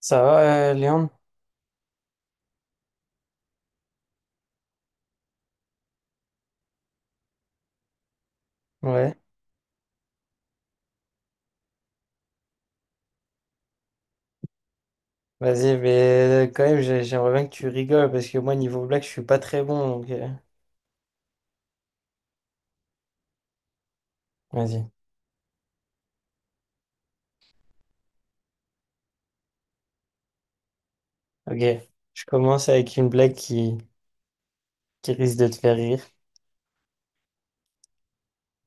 Ça va, Léon? Ouais. Vas-y, mais quand même, j'aimerais bien que tu rigoles parce que moi, niveau blague, je suis pas très bon. Donc, vas-y. Ok. Je commence avec une blague qui risque de te faire rire.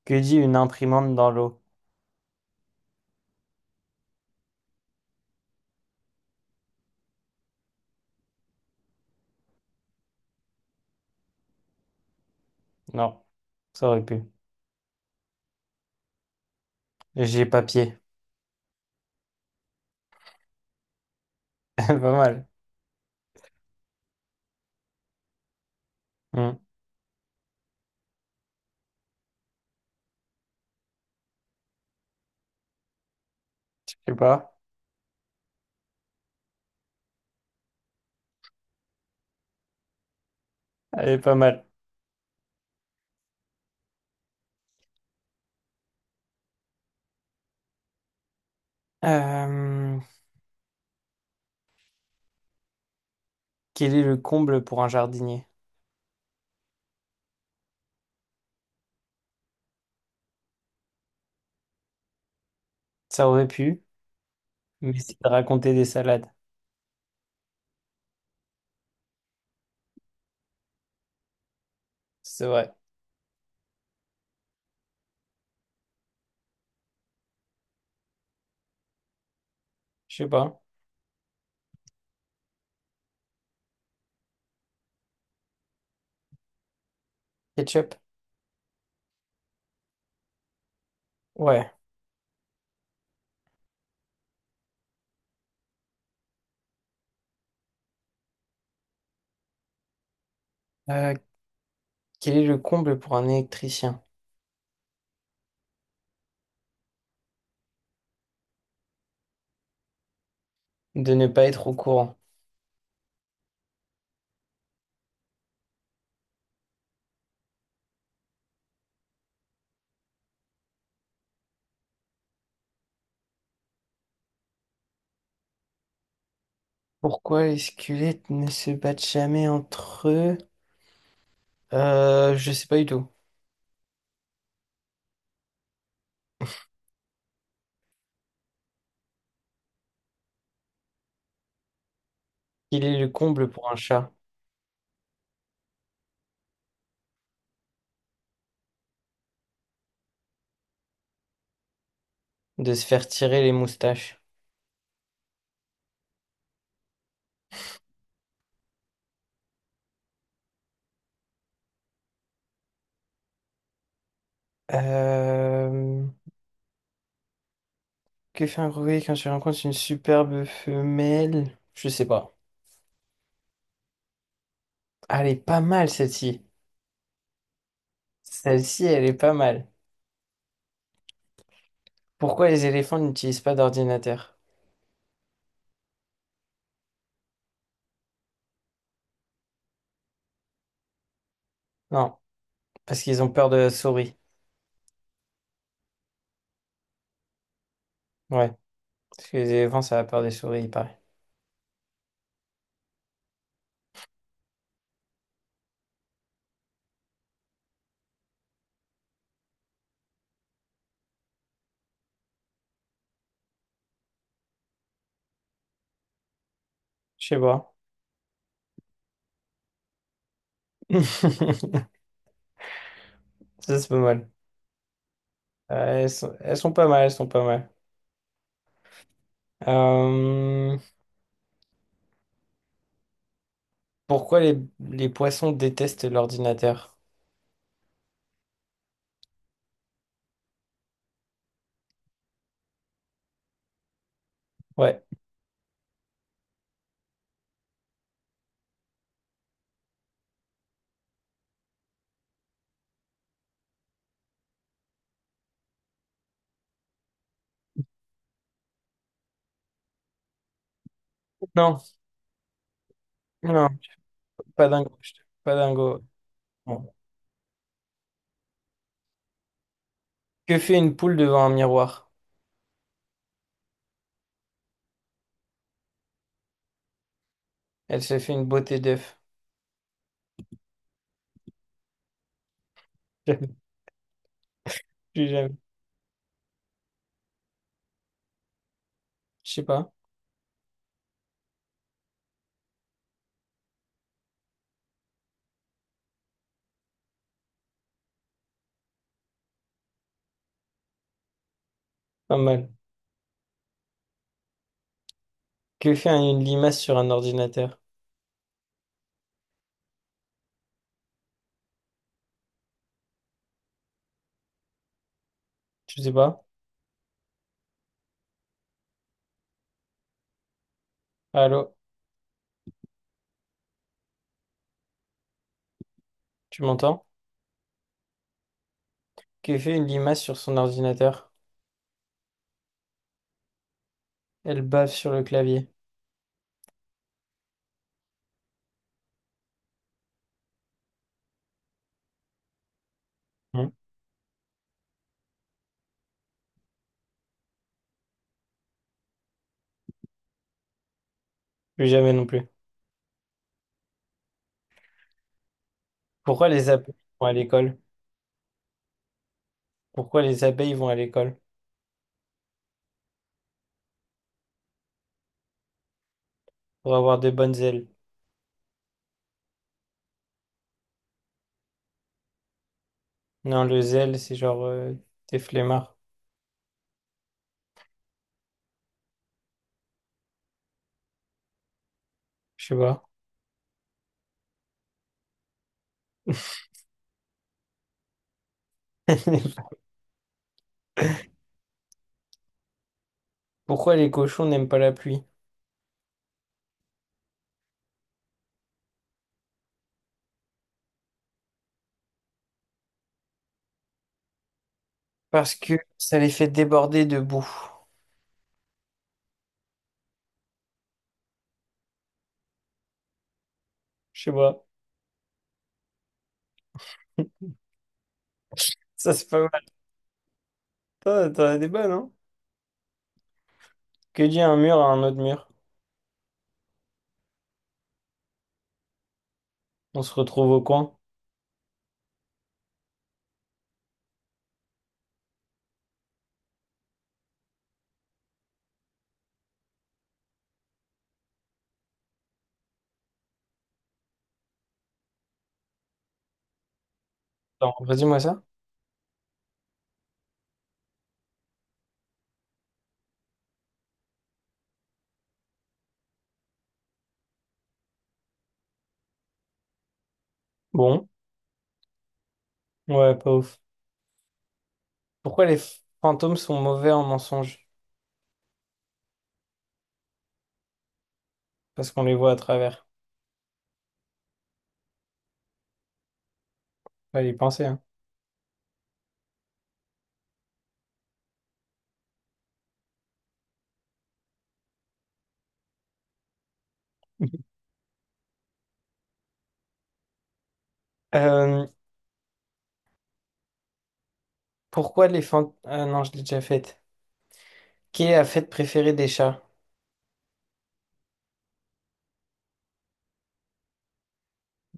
Que dit une imprimante dans l'eau? Non, ça aurait pu. J'ai papier. Pas mal. Hmm, je sais pas. Elle est pas mal. Euh, quel est le comble pour un jardinier? Ça aurait pu, mais c'est de raconter des salades. C'est vrai. Je sais pas. Ketchup? Ouais. Euh, quel est le comble pour un électricien? De ne pas être au courant. Pourquoi les squelettes ne se battent jamais entre eux? Je sais pas du tout. Quel est le comble pour un chat? De se faire tirer les moustaches. Euh, que fait un grenouiller quand tu rencontres une superbe femelle? Je sais pas. Ah, elle est pas mal celle-ci. Celle-ci, elle est pas mal. Pourquoi les éléphants n'utilisent pas d'ordinateur? Non, parce qu'ils ont peur de la souris. Ouais, parce que les éléphants, ça a peur des souris, il paraît. Je sais pas. Ça, c'est pas mal. Elles sont pas mal, elles sont pas mal. Euh, pourquoi les poissons détestent l'ordinateur? Ouais. Non, non, pas dingo. Pas dingo. Bon. Que fait une poule devant un miroir? Elle se fait une beauté d'œuf. Jamais, plus jamais. Je sais pas. Pas mal. Que fait une limace sur un ordinateur? Je sais pas. Allô? Tu m'entends? Que fait une limace sur son ordinateur? Elle bave sur le clavier. Hein. Plus jamais non plus. Pourquoi les appels sont à l'école? Pourquoi les abeilles vont à l'école? Pour avoir de bonnes ailes. Non, le zèle, c'est genre t'es flemmard. Je sais pas. Pourquoi les cochons n'aiment pas la pluie? Parce que ça les fait déborder de boue. Je sais pas. Ça, c'est pas mal. T'en as des bonnes, hein? Que dit un mur à un autre mur? On se retrouve au coin. Non, redis-moi ça. Bon, ouais, pas ouf. Pourquoi les fantômes sont mauvais en mensonge? Parce qu'on les voit à travers. Fallait y penser, hein. Euh, pourquoi les fantômes... Ah non, je l'ai déjà faite. Quelle est la fête préférée des chats?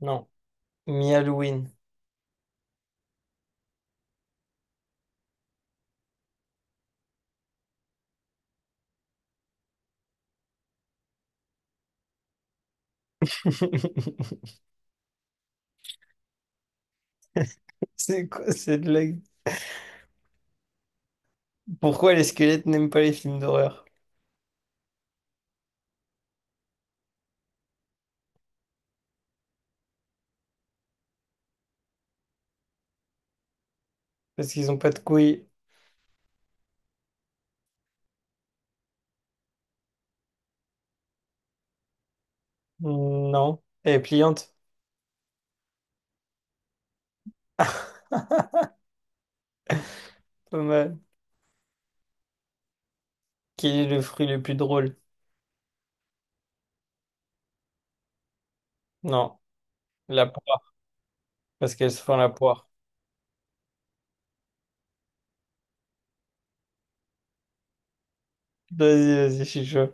Non. Mi-Halloween. C'est quoi cette blague? Pourquoi les squelettes n'aiment pas les films d'horreur? Parce qu'ils ont pas de couilles. Non. Elle est pliante. Pas mal. Quel est le fruit le plus drôle? Non. La poire. Parce qu'elle se font la poire. Vas-y, vas-y, je suis chaud.